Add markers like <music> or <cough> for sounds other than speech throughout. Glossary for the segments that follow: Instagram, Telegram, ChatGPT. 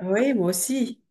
Oui, moi aussi.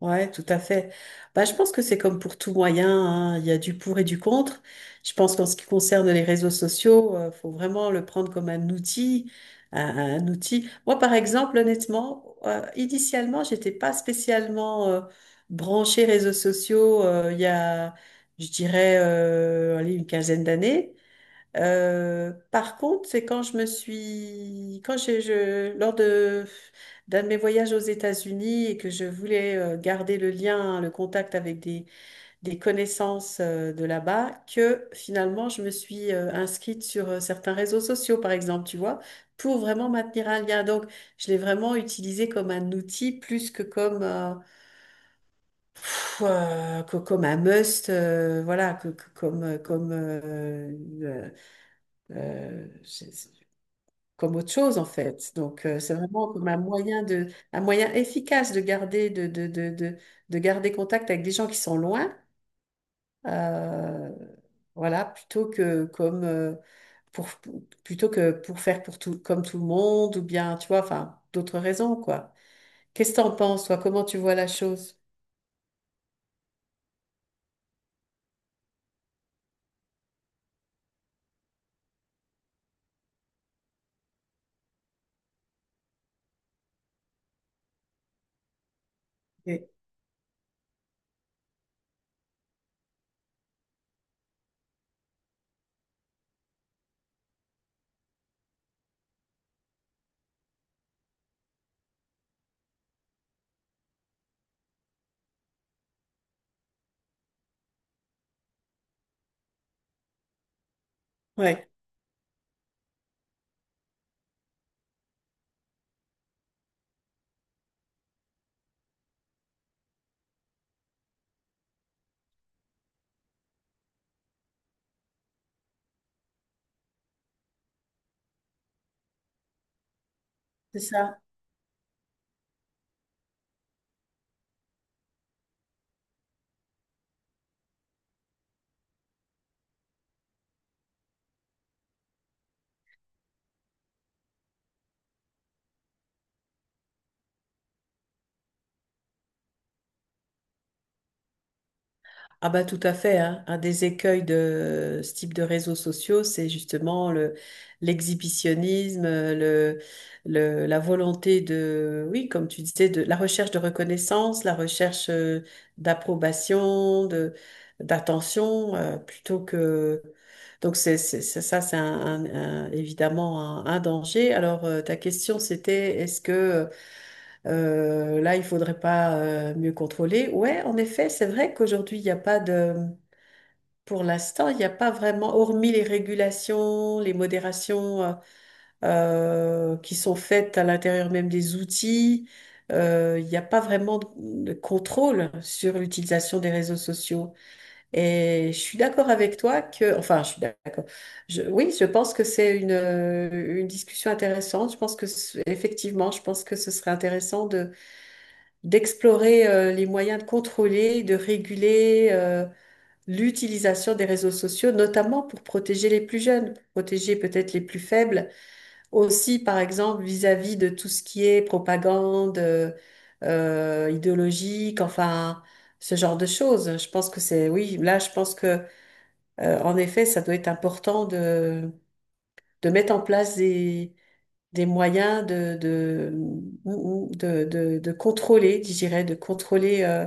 Ouais, tout à fait. Bah, je pense que c'est comme pour tout moyen, hein. Il y a du pour et du contre. Je pense qu'en ce qui concerne les réseaux sociaux, faut vraiment le prendre comme un outil, un outil. Moi, par exemple, honnêtement, initialement, j'étais pas spécialement branchée réseaux sociaux. Il y a, je dirais, allez, une quinzaine d'années. Par contre, c'est quand je me suis, quand j'ai, je, lors de d'un de mes voyages aux États-Unis et que je voulais garder le lien, le contact avec des connaissances de là-bas, que finalement je me suis inscrite sur certains réseaux sociaux, par exemple, tu vois, pour vraiment maintenir un lien. Donc, je l'ai vraiment utilisé comme un outil plus que comme un must, voilà, comme euh, euh, comme autre chose en fait. Donc c'est vraiment comme un moyen de, un moyen efficace de garder, de garder contact avec des gens qui sont loin, euh, voilà, pour, plutôt que pour comme tout le monde ou bien, tu vois, enfin d'autres raisons quoi. Qu'est-ce que t'en penses toi? Comment tu vois la chose? Et- Ouais, c'est ça. Ah bah tout à fait, hein. Un des écueils de ce type de réseaux sociaux, c'est justement le l'exhibitionnisme, la volonté de, oui, comme tu disais, de la recherche de reconnaissance, la recherche d'approbation, de d'attention, plutôt que donc ça, c'est évidemment un danger. Alors ta question c'était est-ce que là, il faudrait pas mieux contrôler. Ouais, en effet, c'est vrai qu'aujourd'hui, il n'y a pas de, pour l'instant, il n'y a pas vraiment, hormis les régulations, les modérations qui sont faites à l'intérieur même des outils, il n'y a pas vraiment de contrôle sur l'utilisation des réseaux sociaux. Et je suis d'accord avec toi que, enfin, je suis d'accord. Oui, je pense que c'est une discussion intéressante. Je pense que, effectivement, je pense que ce serait intéressant d'explorer les moyens de contrôler, de réguler l'utilisation des réseaux sociaux, notamment pour protéger les plus jeunes, protéger peut-être les plus faibles, aussi par exemple vis-à-vis de tout ce qui est propagande idéologique, enfin ce genre de choses. Je pense que c'est, oui, là je pense que en effet ça doit être important de mettre en place des moyens de contrôler, je dirais, de contrôler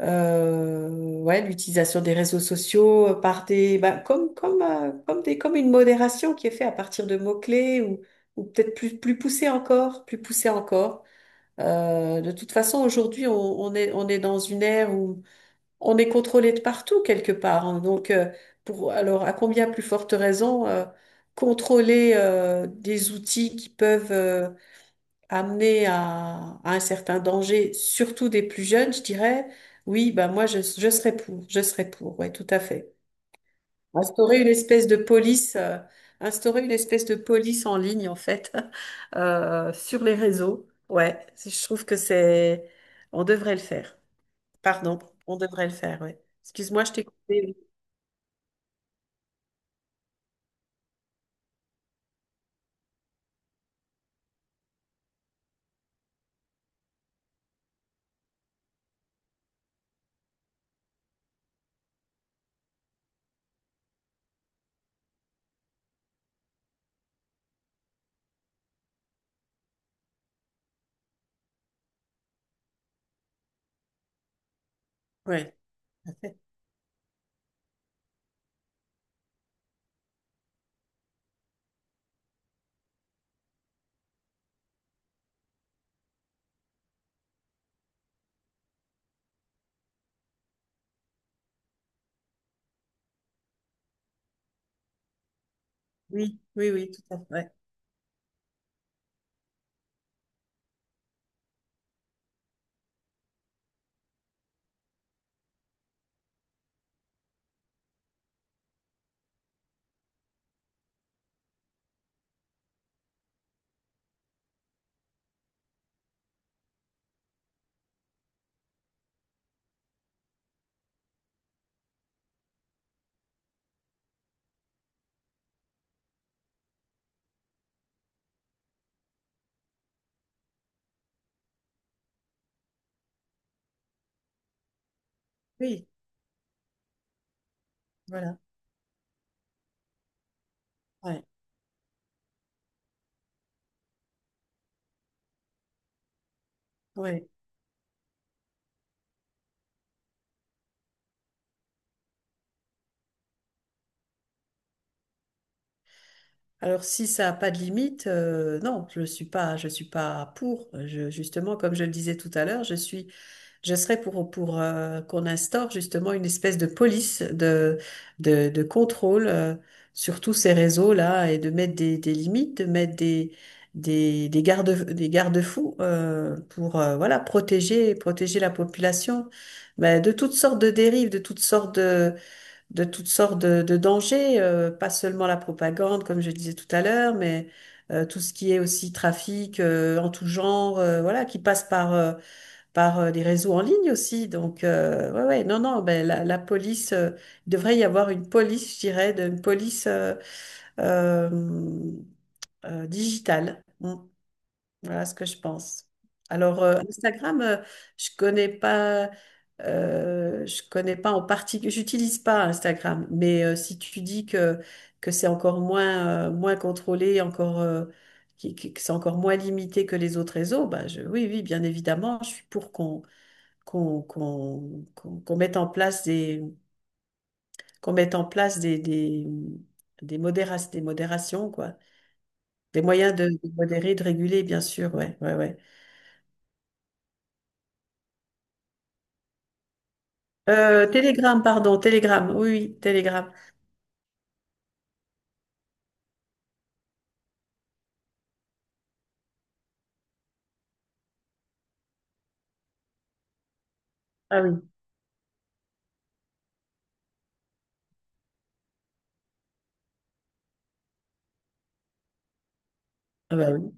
Euh, ouais, l'utilisation des réseaux sociaux par des, bah, comme une modération qui est faite à partir de mots-clés ou peut-être plus poussée encore, plus poussée encore. De toute façon, aujourd'hui, on est dans une ère où on est contrôlé de partout quelque part, hein. Donc, alors, à combien plus forte raison, contrôler des outils qui peuvent, amenés à un certain danger, surtout des plus jeunes, je dirais, oui, bah je serais pour, ouais, tout à fait. Instaurer une espèce de police, instaurer une espèce de police en ligne en fait, <laughs> sur les réseaux, ouais, je trouve que c'est, on devrait le faire. Pardon, on devrait le faire, ouais. Excuse-moi, je t'ai coupé. Oui. Ouais, tout à fait. Oui, oui, oui, tout à fait. Ouais. Oui, voilà. Ouais, ouais. Alors, si ça n'a pas de limite, non, je suis pas pour. Justement, comme je le disais tout à l'heure, je suis, je serais pour qu'on instaure justement une espèce de police de contrôle sur tous ces réseaux-là et de mettre des limites, de mettre des garde, des garde-fous pour voilà, protéger, protéger la population mais de toutes sortes de dérives, de toutes sortes de dangers, pas seulement la propagande, comme je disais tout à l'heure, mais tout ce qui est aussi trafic en tout genre, voilà, qui passe par des réseaux en ligne aussi. Donc, ouais, ouais, non, non, ben la police, il devrait y avoir une police, je dirais, une police euh, digitale. Mm. Voilà ce que je pense. Alors, Instagram, je connais pas, je connais pas en particulier, j'utilise pas Instagram, mais si tu dis que c'est encore moins, moins contrôlé, encore, que c'est encore moins limité que les autres réseaux, bah je, oui, oui, bien évidemment, je suis pour qu'on mette en place des, qu'on mette en place des modérations, quoi. Des moyens de modérer, de réguler, bien sûr, ouais, ouais, ouais. Telegram, pardon, Telegram, oui, oui, Telegram. Ah oui. Ah bah oui.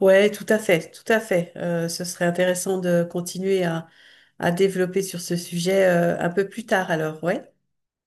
Ouais, tout à fait, tout à fait. Ce serait intéressant de continuer à développer sur ce sujet un peu plus tard alors, ouais.